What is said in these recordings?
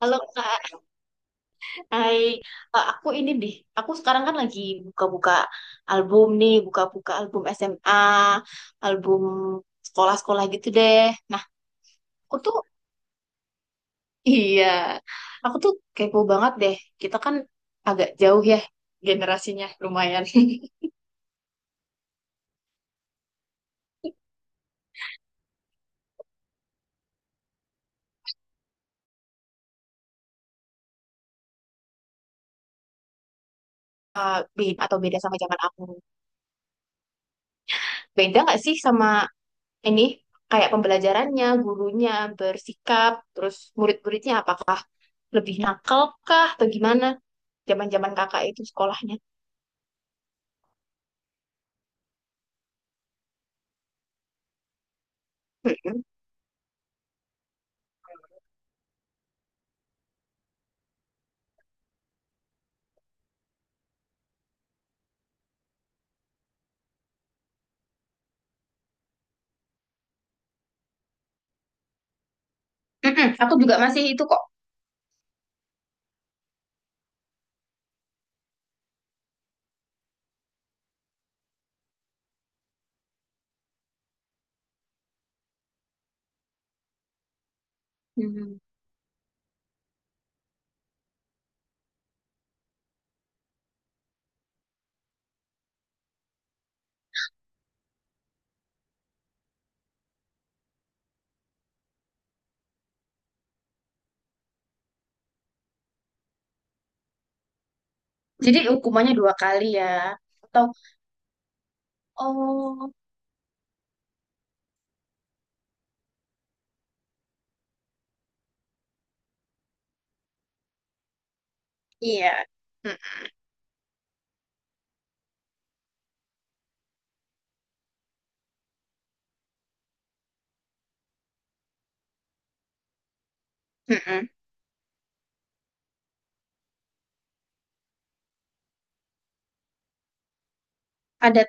Halo Kak, hai. Aku sekarang kan lagi buka-buka album nih, buka-buka album SMA, album sekolah-sekolah gitu deh. Nah, aku tuh, iya, aku tuh kepo banget deh. Kita kan agak jauh ya generasinya, lumayan. Beda sama zaman aku. Beda nggak sih sama ini, kayak pembelajarannya, gurunya, bersikap, terus murid-muridnya apakah lebih nakal kah atau gimana zaman-zaman kakak itu sekolahnya? Mm-mm. Mm-mm. Aku juga masih itu kok. Mm. Jadi hukumannya dua kali ya. Atau oh iya. Mm-mm. Mm-mm. Ada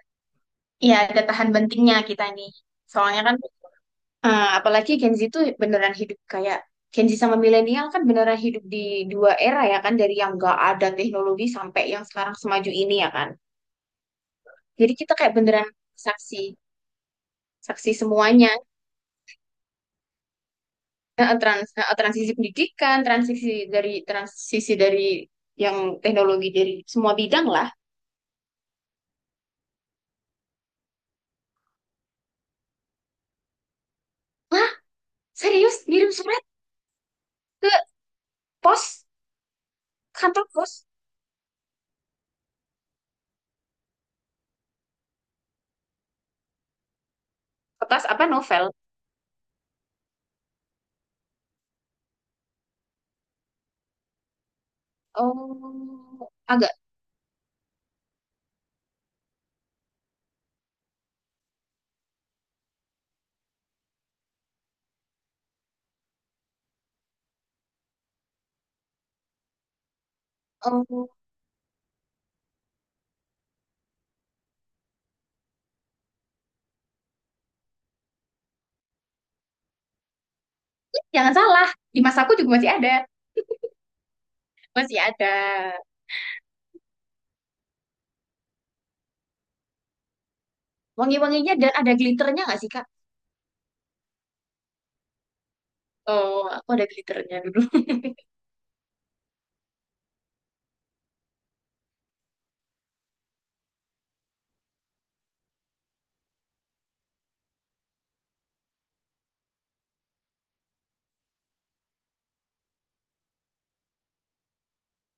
ya ada tahan bentingnya kita nih. Soalnya apalagi Gen Z itu beneran hidup kayak, Gen Z sama milenial kan beneran hidup di dua era ya kan, dari yang gak ada teknologi sampai yang sekarang semaju ini ya kan. Jadi kita kayak beneran saksi saksi semuanya. Transisi pendidikan, transisi dari yang teknologi, dari semua bidang lah. Lah, serius ngirim surat ke pos, kantor pos? Kertas apa, novel? Oh, agak. Oh, jangan salah. Di masaku juga masih ada wangi-wanginya dan ada glitternya nggak sih Kak? Oh, aku ada glitternya dulu.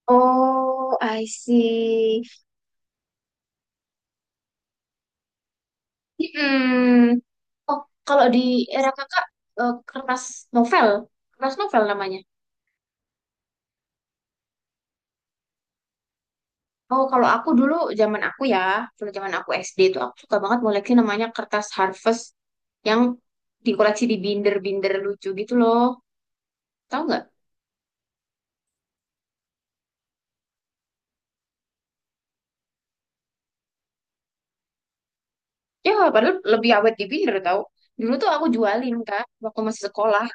Oh, I see. Mm-mm. Oh, kalau di era kakak eh, kertas novel, kertas novel namanya. Oh, kalau aku dulu zaman aku ya, dulu zaman aku SD itu aku suka banget koleksi namanya kertas Harvest, yang dikoleksi di binder-binder lucu gitu loh. Tahu nggak? Ya, padahal lebih awet di binder tahu. Dulu tuh aku jualin Kak waktu masih sekolah.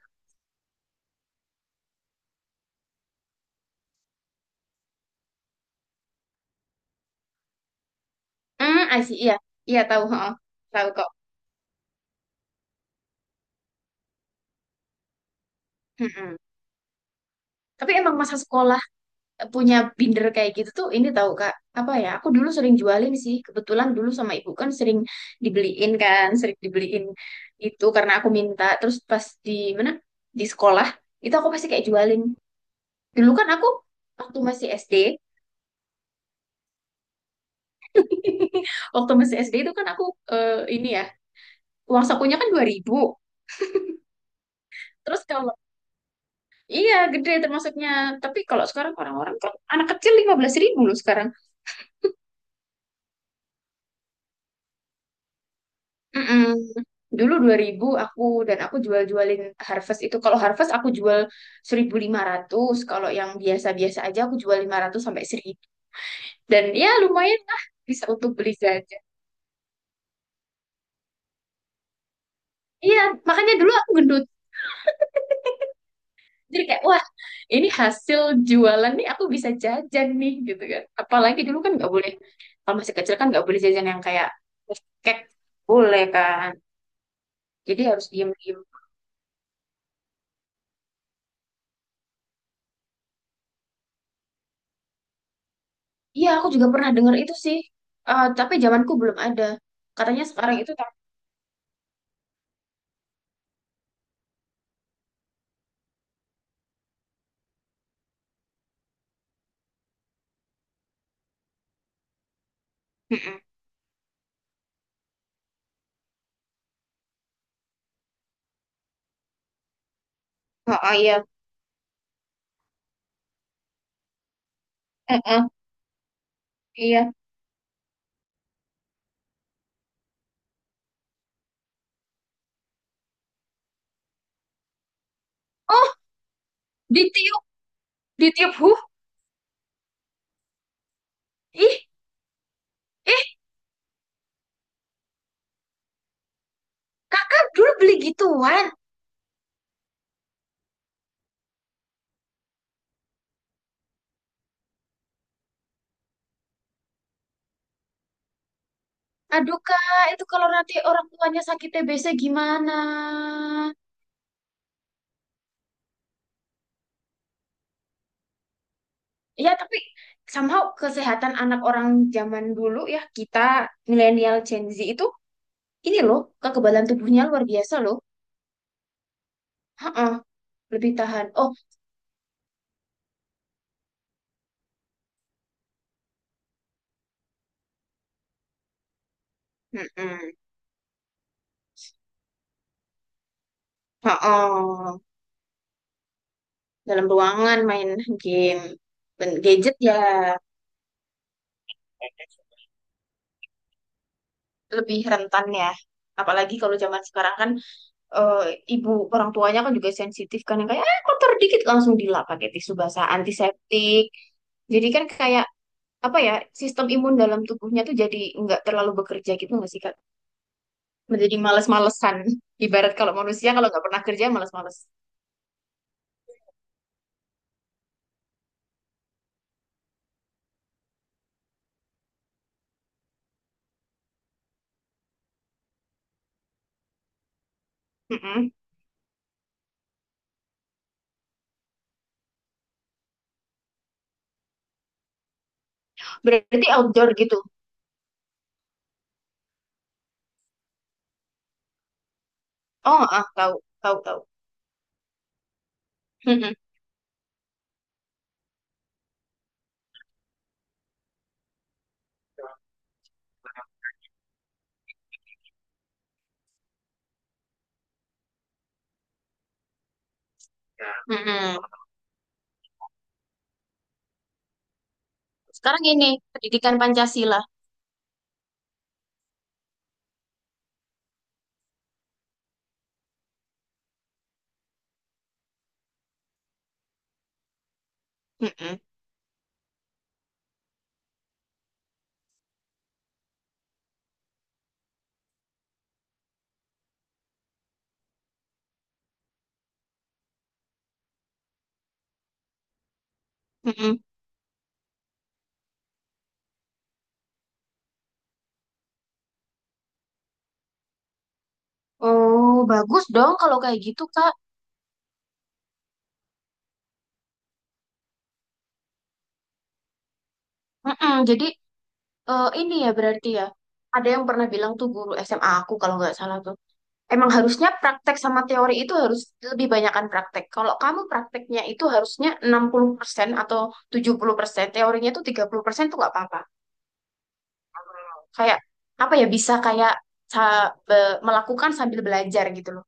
Hmm, asih iya. Iya tahu, heeh. Tahu kok. Mm-mm. Tapi emang masa sekolah punya binder kayak gitu tuh ini tahu Kak, apa ya, aku dulu sering jualin sih, kebetulan dulu sama ibu kan sering dibeliin itu karena aku minta terus pas di mana, di sekolah itu aku pasti kayak jualin. Dulu kan aku waktu masih SD, waktu masih SD itu kan aku eh, ini ya uang sakunya kan 2.000. Terus kalau iya gede termasuknya, tapi kalau sekarang orang-orang kan anak kecil 15.000 loh sekarang. Mm-mm. Dulu 2.000 aku, dan aku jual-jualin Harvest itu. Kalau Harvest aku jual 1.500, kalau yang biasa-biasa aja aku jual 500 sampai 1.000. Dan ya lumayan lah, bisa untuk beli jajan. Iya, makanya dulu aku gendut. Jadi kayak wah, ini hasil jualan nih, aku bisa jajan nih gitu kan. Apalagi dulu kan nggak boleh, kalau masih kecil kan nggak boleh jajan yang kayak cake boleh kan. Jadi harus diem-diem. Iya, aku juga pernah dengar itu sih. Tapi zamanku belum ada. Katanya sekarang itu tak. Mm-mm. Oh, oh, iya. Mm-mm. Iya. Oh, ditiup, ditiup. Huh. Ih, eh, kakak dulu beli gituan. Aduh, Kak, itu kalau nanti orang tuanya sakit TBC gimana? Ya, tapi somehow kesehatan anak orang zaman dulu ya, kita milenial Gen Z itu ini loh, kekebalan tubuhnya luar biasa loh. Heeh, lebih tahan. Oh, mm-mm. Heeh. Dalam ruangan, main game dan gadget ya, lebih rentan ya. Apalagi kalau zaman sekarang kan eh, ibu, orang tuanya kan juga sensitif kan, yang kayak ah, kotor dikit langsung dilap pakai tisu basah antiseptik. Jadi kan kayak apa ya, sistem imun dalam tubuhnya tuh jadi nggak terlalu bekerja gitu nggak sih Kak? Menjadi males-malesan. Ibarat kalau manusia kalau nggak pernah kerja males-males. Mm-mm. Berarti outdoor gitu. Oh, ah, tahu, tahu, tahu. Mm-mm. Mm-mm. Sekarang ini pendidikan Pancasila. Mm-mm, mm-mm. Oh, bagus dong kalau kayak gitu, Kak. Mm-mm, Jadi eh, ini ya berarti ya. Ada yang pernah bilang tuh guru SMA aku kalau nggak salah tuh. Emang harusnya praktek sama teori itu harus lebih banyakkan praktek. Kalau kamu prakteknya itu harusnya 60% atau 70%, teorinya itu 30% tuh nggak apa-apa. Kayak apa ya, bisa kayak melakukan sambil belajar gitu loh.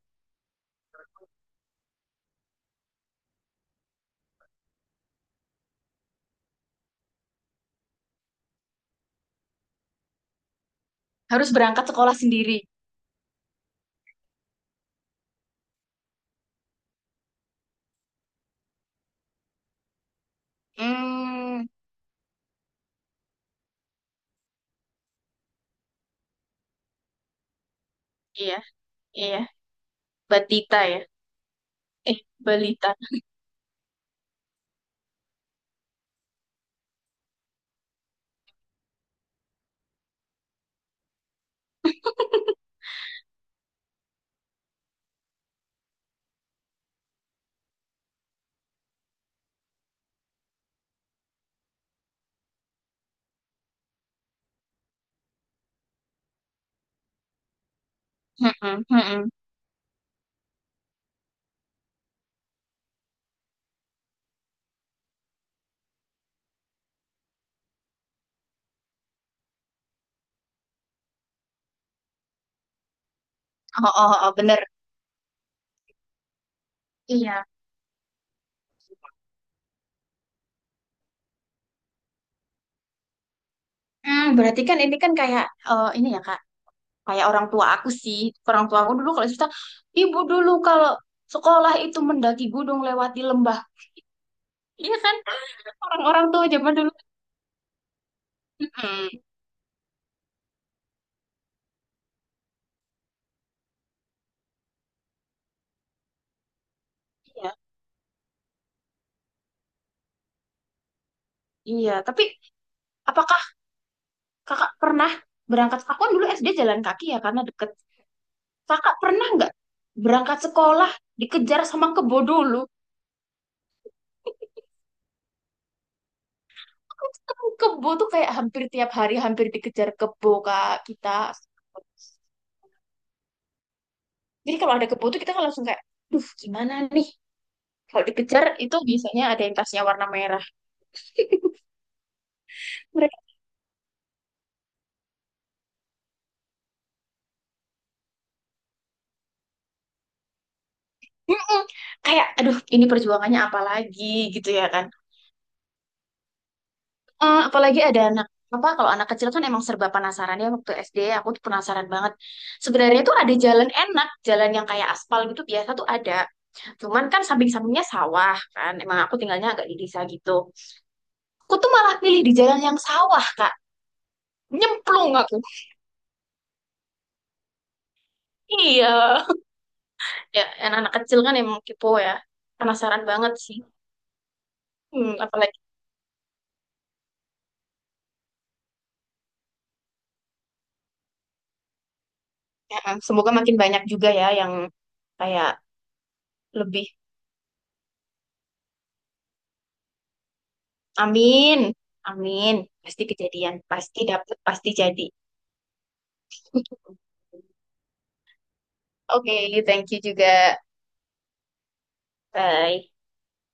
Harus berangkat sekolah sendiri. Hmm, iya, iya. Batita ya? Eh, Balita. Mm-mm, mm-mm. Oh, oh, oh, oh, bener. Iya. Hmm, berarti kan ini kan kayak eh, ini ya Kak, kayak orang tua aku sih. Orang tua aku dulu kalau cerita, ibu dulu kalau sekolah itu mendaki gunung lewati lembah. Iya kan? Orang-orang tua zaman dulu. Mm-mm. Iya, iya. Tapi apakah Kakak pernah berangkat? Aku kan dulu SD jalan kaki ya karena deket. Kakak pernah nggak berangkat sekolah dikejar sama kebo dulu? Kok ketemu kebo tuh kayak hampir tiap hari, hampir dikejar kebo kak kita. Jadi kalau ada kebo tuh kita kan langsung kayak, duh gimana nih? Kalau dikejar itu biasanya ada yang tasnya warna merah. Mereka "Mm-mm." Kayak, aduh ini perjuangannya apa lagi gitu ya kan? Apalagi ada anak apa, kalau anak kecil kan emang serba penasaran ya, waktu SD aku tuh penasaran banget. Sebenarnya tuh ada jalan enak, jalan yang kayak aspal gitu biasa tuh ada. Cuman kan samping-sampingnya sawah kan. Emang aku tinggalnya agak di desa gitu. Aku tuh malah pilih di jalan yang sawah, Kak. Nyemplung aku. Iya. Ya, yang anak kecil kan emang kepo ya. Penasaran banget sih. Hmm, apalagi ya, semoga makin banyak juga ya yang kayak lebih amin. Amin. Pasti kejadian, pasti dapet, pasti jadi. Oke, thank you juga. Bye.